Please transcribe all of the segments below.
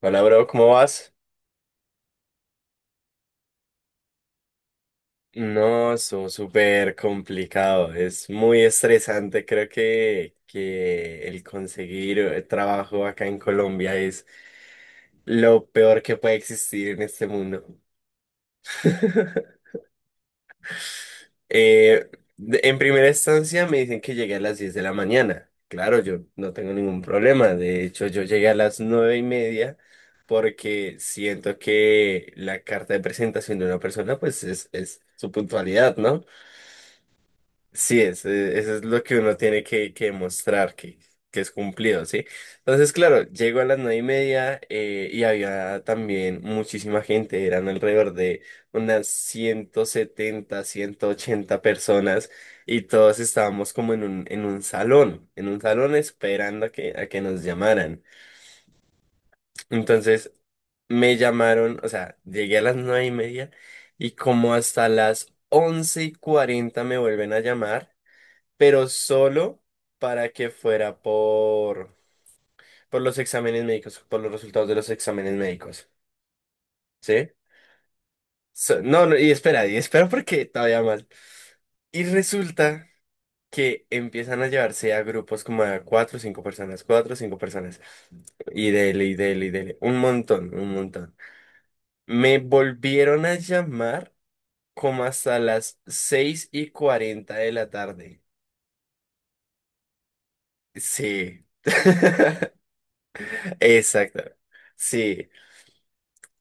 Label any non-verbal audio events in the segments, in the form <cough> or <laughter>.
Hola, bro, ¿cómo vas? No, estuvo súper complicado, es muy estresante, creo que el conseguir trabajo acá en Colombia es lo peor que puede existir en este mundo. <laughs> Eh, en primera instancia me dicen que llegué a las 10 de la mañana, claro, yo no tengo ningún problema, de hecho yo llegué a las 9:30 porque siento que la carta de presentación de una persona pues es su puntualidad, ¿no? Sí, eso es lo que uno tiene que demostrar, que es cumplido, ¿sí? Entonces, claro, llego a las 9:30 y había también muchísima gente, eran alrededor de unas 170, 180 personas y todos estábamos como en un salón esperando a que nos llamaran. Entonces, me llamaron, o sea, llegué a las 9:30 y como hasta las 11:40 me vuelven a llamar pero solo para que fuera por los exámenes médicos, por los resultados de los exámenes médicos, ¿sí? No, no, y espera porque todavía mal. Y resulta que empiezan a llevarse a grupos como a cuatro o cinco personas, cuatro o cinco personas. Y dele, y dele, y dele. Un montón, un montón. Me volvieron a llamar como hasta las 6:40 de la tarde. Sí. <laughs> Exacto. Sí.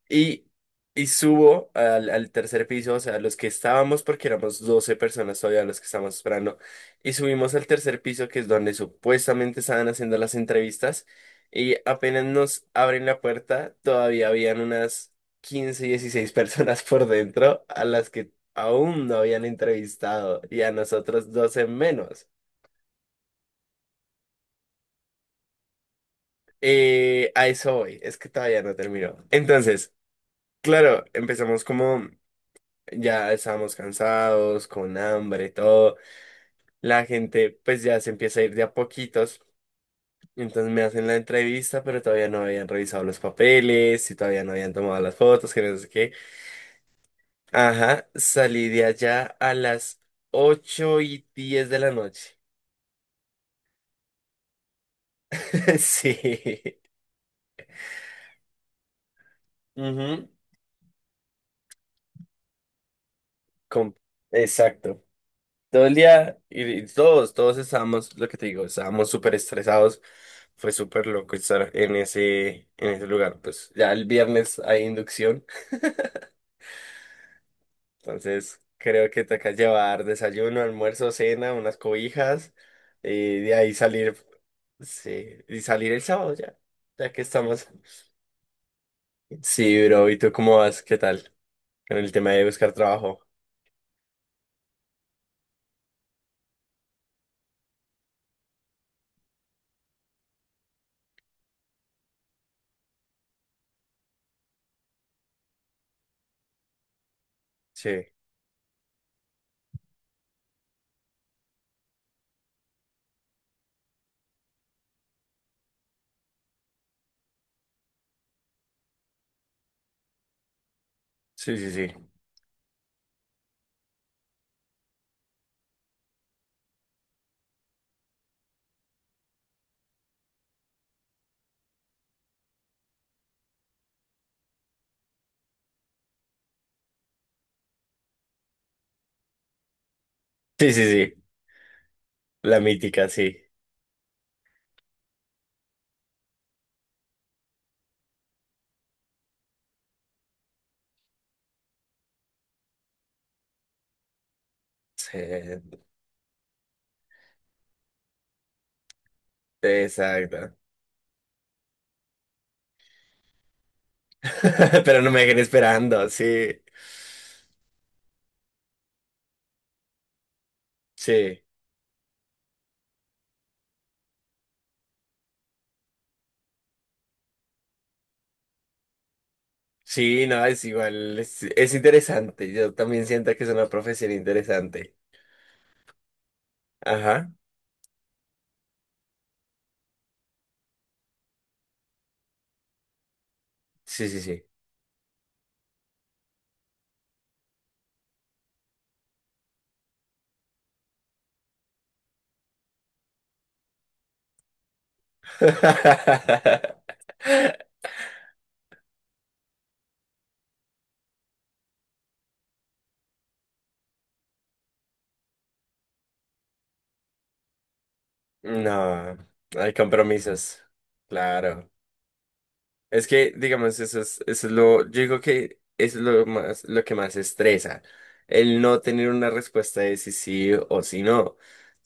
Y, y subo al tercer piso, o sea, los que estábamos, porque éramos 12 personas todavía los que estábamos esperando, y subimos al tercer piso, que es donde supuestamente estaban haciendo las entrevistas, y apenas nos abren la puerta, todavía habían unas 15 16 personas por dentro a las que aún no habían entrevistado, y a nosotros 12 menos. A eso voy, es que todavía no terminó. Entonces, claro, empezamos como. Ya estábamos cansados, con hambre, todo. La gente pues ya se empieza a ir de a poquitos. Entonces me hacen la entrevista, pero todavía no habían revisado los papeles y todavía no habían tomado las fotos, que no sé qué. Ajá, salí de allá a las 8:10 de la noche. <laughs> Sí. Ujú, com- Exacto. Todo el día, y todos estábamos, lo que te digo, estábamos súper estresados. Fue súper loco estar en ese lugar. Pues ya el viernes hay inducción. Entonces, creo que te toca llevar desayuno, almuerzo, cena, unas cobijas, y de ahí salir, sí, y salir el sábado ya, ya que estamos. Sí, bro, ¿y tú cómo vas? ¿Qué tal? Con el tema de buscar trabajo. Sí, sí, sí, sí. Sí, sí, sí. La mítica, sí. Sí, exacto. <laughs> Pero no me dejen esperando, sí, sí, sí, no, es igual, es interesante, yo también siento que es una profesión interesante. Ajá, sí, sí, sí. <laughs> No, hay compromisos, claro. Es que, digamos, eso es lo, yo digo que eso es lo más, lo que más estresa, el no tener una respuesta de si sí o si no.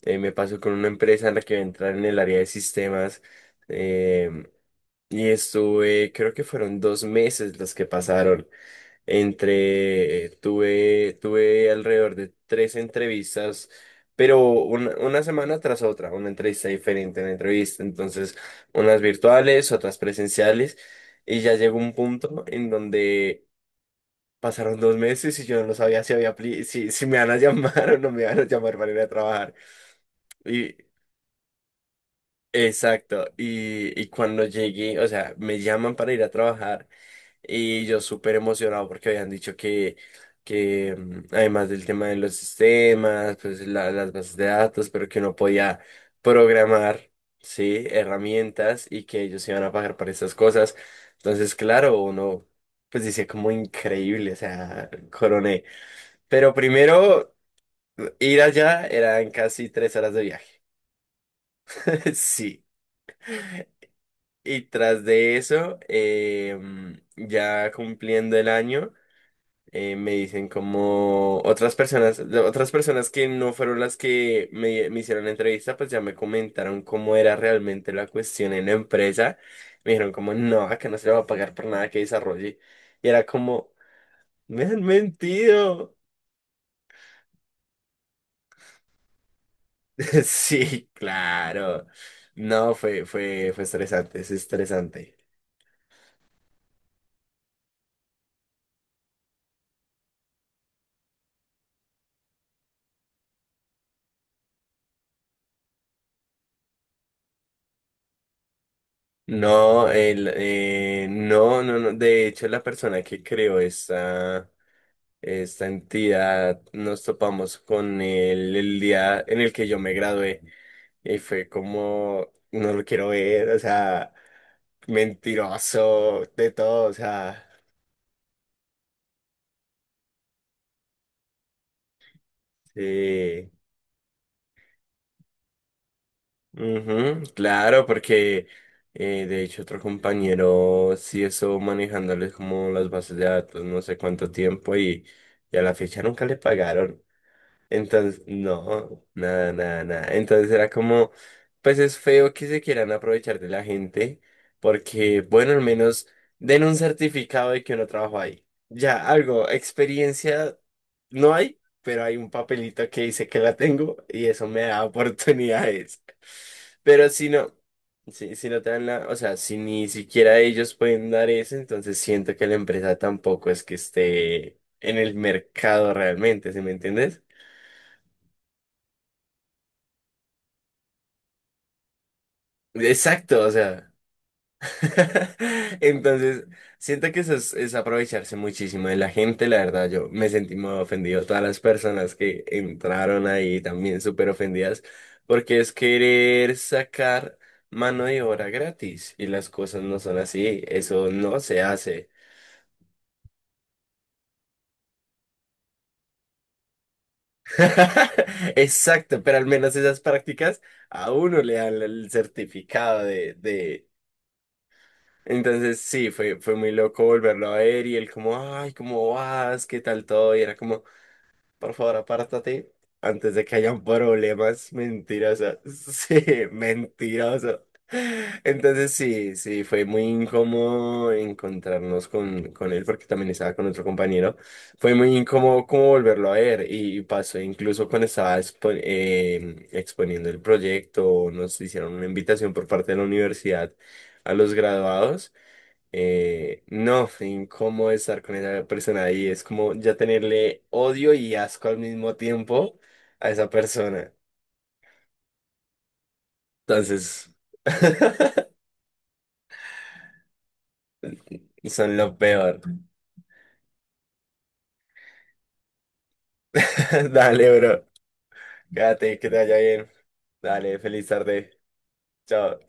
Me pasó con una empresa en la que voy a entrar en el área de sistemas. eh, Y estuve, creo que fueron 2 meses los que pasaron. Tuve alrededor de tres entrevistas, pero una semana tras otra, una entrevista diferente, una entrevista. Entonces, unas virtuales, otras presenciales. Y ya llegó un punto en donde pasaron 2 meses y yo no sabía si había, apli- si, si me van a llamar <laughs> o no me van a llamar para ir a trabajar. Y, exacto. Y cuando llegué, o sea, me llaman para ir a trabajar. Y yo súper emocionado porque habían dicho que además del tema de los sistemas, pues las bases de datos, pero que uno podía programar, ¿sí? Herramientas y que ellos iban a pagar para estas cosas. Entonces, claro, uno pues dice como increíble, o sea, coroné. Pero primero, ir allá eran casi 3 horas de viaje. <laughs> Sí. Y tras de eso, ya cumpliendo el año. Me dicen como otras personas, de otras personas que no fueron las que me hicieron la entrevista, pues ya me comentaron cómo era realmente la cuestión en la empresa. Me dijeron como, no, acá no se le va a pagar por nada que desarrolle. Y era como, me han mentido. <laughs> Sí, claro. No, fue estresante, es estresante. No, no, no, no. De hecho, la persona que creó esta entidad nos topamos con él el día en el que yo me gradué y fue como, no lo quiero ver, o sea, mentiroso, de todo, o sea, sí. Ujú, claro, porque de hecho otro compañero sí estuvo manejándoles como las bases de datos no sé cuánto tiempo y a la fecha nunca le pagaron. Entonces, no, nada, nada, nada. Entonces era como, pues es feo que se quieran aprovechar de la gente, porque, bueno, al menos den un certificado de que uno trabajó ahí. Ya, algo, experiencia no hay, pero hay un papelito que dice que la tengo y eso me da <laughs> oportunidades. Pero si no, si no te dan la, o sea, si ni siquiera ellos pueden dar eso, entonces siento que la empresa tampoco es que esté en el mercado realmente, ¿sí me entiendes? Exacto, o sea. <laughs> Entonces, siento que eso es aprovecharse muchísimo de la gente, la verdad. Yo me sentí muy ofendido. Todas las personas que entraron ahí también súper ofendidas, porque es querer sacar mano de obra gratis y las cosas no son así. Eso no se hace. <laughs> Exacto, pero al menos esas prácticas a uno le dan el certificado de Entonces sí, fue muy loco volverlo a ver y él como, ay, ¿cómo vas? ¿Qué tal todo? Y era como, por favor, apártate antes de que hayan problemas. Mentiroso. <laughs> Sí, mentiroso. Entonces sí, sí, fue muy incómodo encontrarnos con él porque también estaba con otro compañero. Fue muy incómodo como volverlo a ver y pasó incluso cuando estaba exponiendo el proyecto, nos hicieron una invitación por parte de la universidad a los graduados. No, fue incómodo estar con esa persona ahí. Es como ya tenerle odio y asco al mismo tiempo a esa persona. Entonces, <laughs> son lo peor. <laughs> Dale, bro. Quédate, que te vaya bien. Dale, feliz tarde. Chao.